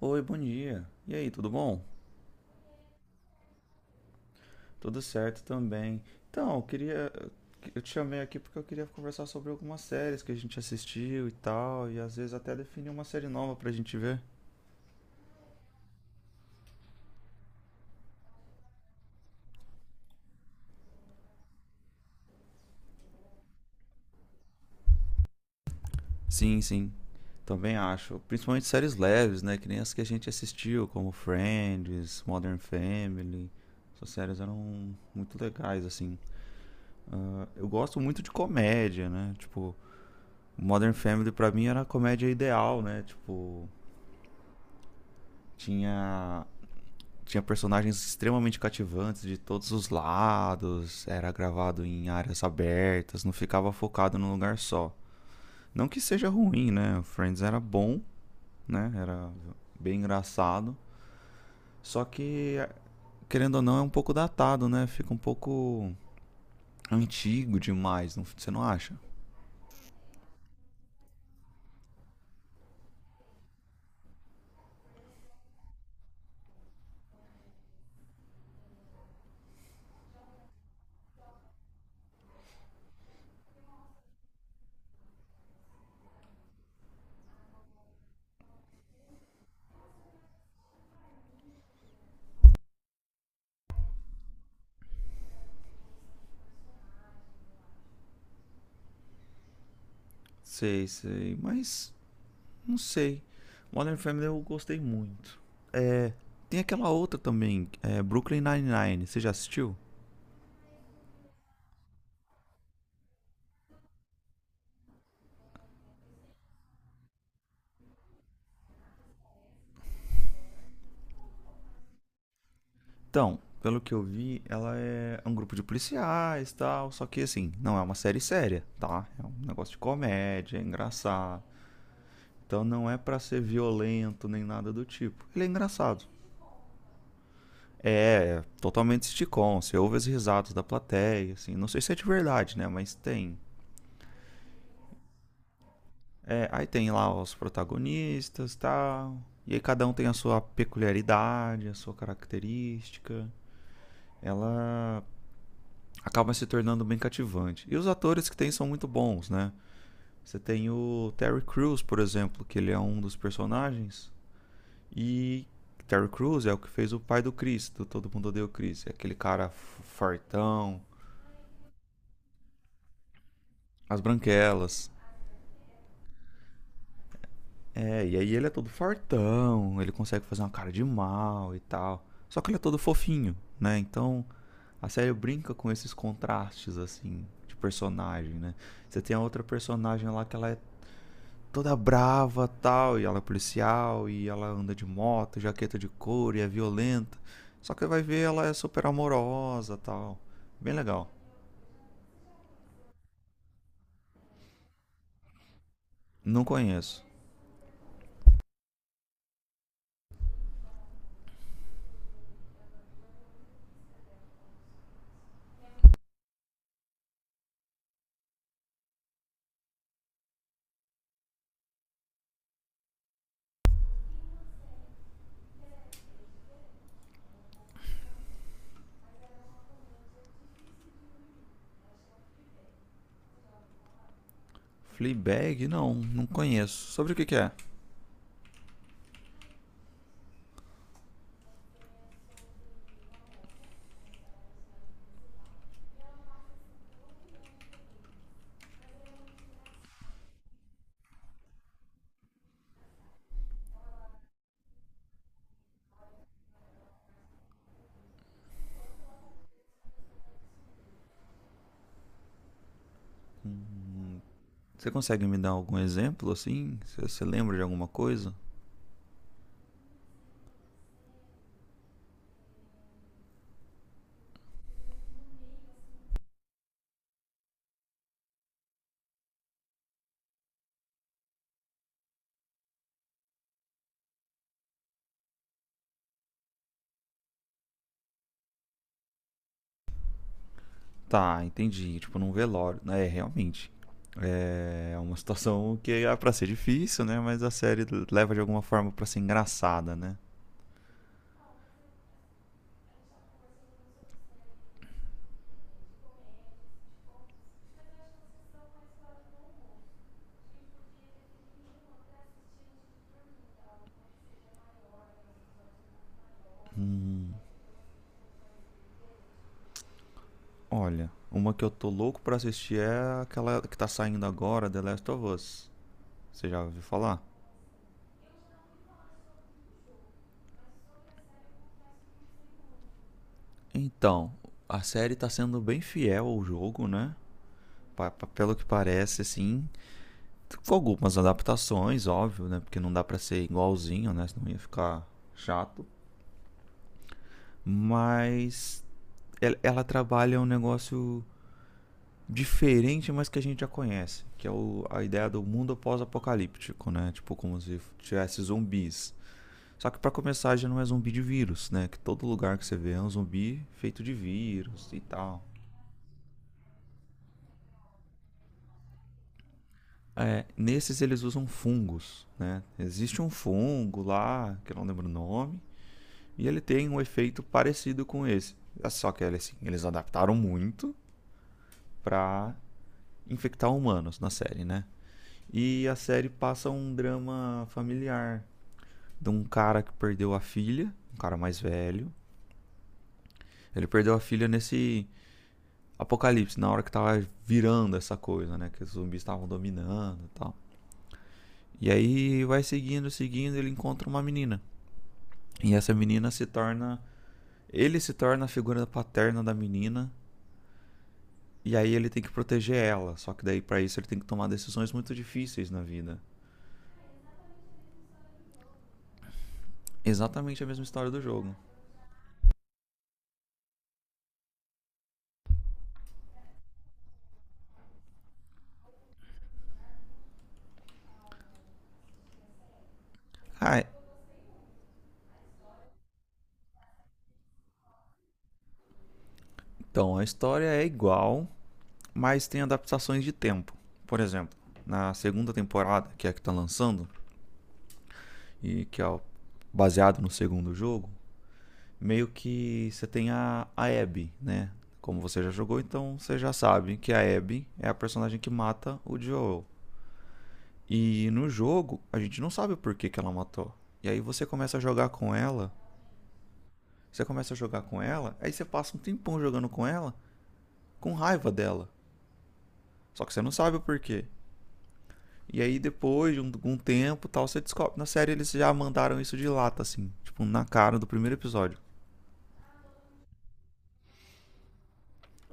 Oi, bom dia. E aí, tudo bom? Tudo certo também. Então, eu queria. Eu te chamei aqui porque eu queria conversar sobre algumas séries que a gente assistiu e tal, e às vezes até definir uma série nova pra gente ver. Sim, sim. Também acho. Principalmente séries leves, né? Que nem as que a gente assistiu, como Friends, Modern Family. Essas séries eram muito legais, assim. Ah, eu gosto muito de comédia, né? Tipo, Modern Family pra mim era a comédia ideal, né? Tipo, tinha tinha personagens extremamente cativantes de todos os lados, era gravado em áreas abertas, não ficava focado num lugar só. Não que seja ruim, né? O Friends era bom, né? Era bem engraçado, só que querendo ou não é um pouco datado, né? Fica um pouco antigo demais, não, você não acha? Sei, sei, mas não sei. Modern Family eu gostei muito. É, tem aquela outra também, é Brooklyn Nine-Nine, você já assistiu? Então, pelo que eu vi, ela é um grupo de policiais e tal, só que assim, não é uma série séria, tá? É um negócio de comédia, é engraçado. Então não é pra ser violento nem nada do tipo. Ele é engraçado. É totalmente sitcom, você ouve as risadas da plateia, assim, não sei se é de verdade, né, mas tem. É, aí tem lá os protagonistas, e tal. E aí cada um tem a sua peculiaridade, a sua característica. Ela acaba se tornando bem cativante. E os atores que tem são muito bons, né? Você tem o Terry Crews, por exemplo, que ele é um dos personagens. E Terry Crews é o que fez o pai do Chris, do Todo Mundo Odeia o Chris. É aquele cara fartão, as branquelas. É, e aí ele é todo fartão, ele consegue fazer uma cara de mal e tal. Só que ele é todo fofinho, né? Então a série brinca com esses contrastes, assim, de personagem, né? Você tem a outra personagem lá que ela é toda brava tal, e ela é policial, e ela anda de moto, jaqueta de couro, e é violenta. Só que vai ver, ela é super amorosa tal. Bem legal. Não conheço. Fleabag? Não, não conheço. Sobre o que que é? Você consegue me dar algum exemplo, assim? Você lembra de alguma coisa? Tá, entendi. Tipo, num velório. É, realmente. É uma situação que é pra ser difícil, né? Mas a série leva de alguma forma pra ser engraçada, né? Olha, uma que eu tô louco pra assistir é aquela que tá saindo agora, The Last of Us. Você já ouviu falar? Então, a série tá sendo bem fiel ao jogo, né? Pelo que parece, assim. Com algumas adaptações, óbvio, né? Porque não dá pra ser igualzinho, né? Senão ia ficar chato. Mas ela trabalha um negócio diferente, mas que a gente já conhece. A ideia do mundo pós-apocalíptico, né? Tipo, como se tivesse zumbis. Só que para começar já não é zumbi de vírus, né? Que todo lugar que você vê é um zumbi feito de vírus e tal. É, nesses eles usam fungos, né? Existe um fungo lá, que eu não lembro o nome, e ele tem um efeito parecido com esse. É. Só que assim, eles adaptaram muito para infectar humanos na série, né? E a série passa um drama familiar de um cara que perdeu a filha, um cara mais velho. Ele perdeu a filha nesse Apocalipse, na hora que tava virando essa coisa, né? Que os zumbis estavam dominando e tal. E aí vai seguindo, seguindo, ele encontra uma menina. E essa menina se torna. Ele se torna a figura paterna da menina. E aí ele tem que proteger ela. Só que daí, pra isso, ele tem que tomar decisões muito difíceis na vida. Exatamente a mesma história do jogo. Ah, então, a história é igual, mas tem adaptações de tempo. Por exemplo, na segunda temporada, que é a que tá lançando, e que é baseado no segundo jogo, meio que você tem a Abby, né? Como você já jogou, então você já sabe que a Abby é a personagem que mata o Joel. E no jogo, a gente não sabe o porquê que ela matou. E aí você começa a jogar com ela, você começa a jogar com ela, aí você passa um tempão jogando com ela, com raiva dela. Só que você não sabe o porquê. E aí depois de um tempo tal, você descobre. Na série eles já mandaram isso de lata, assim. Tipo, na cara do primeiro episódio.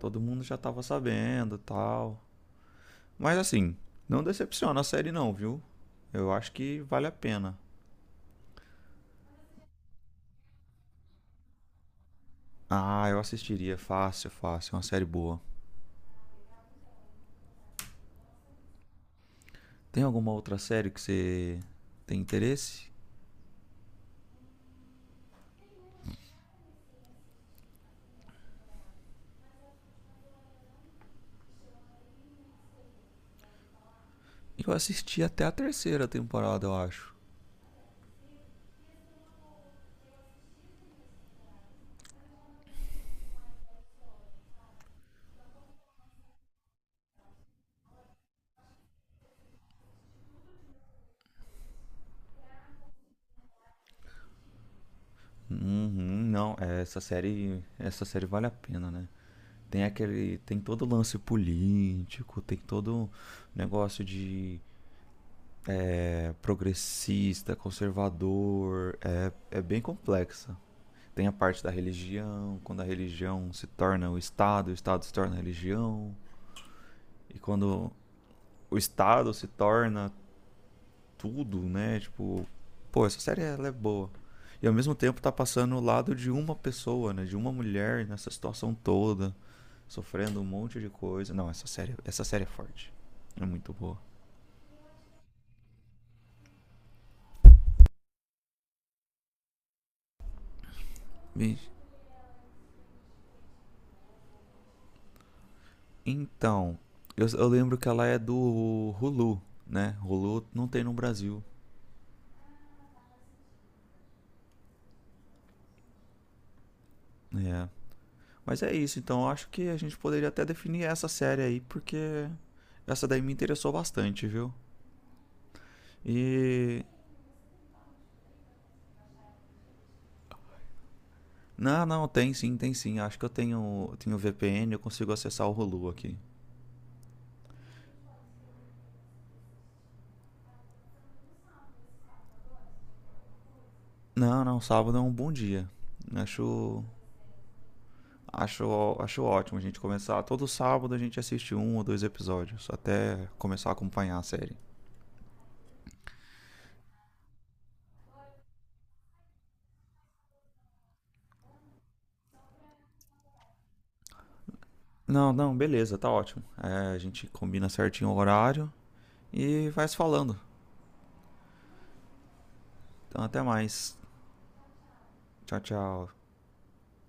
Todo mundo já tava sabendo e tal. Mas assim, não decepciona a série não, viu? Eu acho que vale a pena. Ah, eu assistiria fácil, fácil, é uma série boa. Tem alguma outra série que você tem interesse? Eu assisti até a terceira temporada, eu acho. Uhum, não, é, essa série vale a pena, né? Tem aquele, tem todo o lance político, tem todo o negócio de é, progressista, conservador, é bem complexa. Tem a parte da religião, quando a religião se torna o Estado se torna a religião. E quando o Estado se torna tudo, né? Tipo, pô, essa série ela é boa. E ao mesmo tempo tá passando o lado de uma pessoa, né? De uma mulher nessa situação toda, sofrendo um monte de coisa. Não, essa série é forte. É muito boa. Então, eu lembro que ela é do Hulu, né? Hulu não tem no Brasil. É, Mas é isso, então eu acho que a gente poderia até definir essa série aí, porque essa daí me interessou bastante, viu? E. Não, não, tem sim, tem sim. Acho que eu tenho VPN, eu consigo acessar o Hulu aqui. Não, não, sábado é um bom dia. Acho, acho ótimo a gente começar. Todo sábado a gente assiste um ou dois episódios, até começar a acompanhar a série. Não, não, beleza, tá ótimo. É, a gente combina certinho o horário e vai se falando. Então até mais. Tchau, tchau.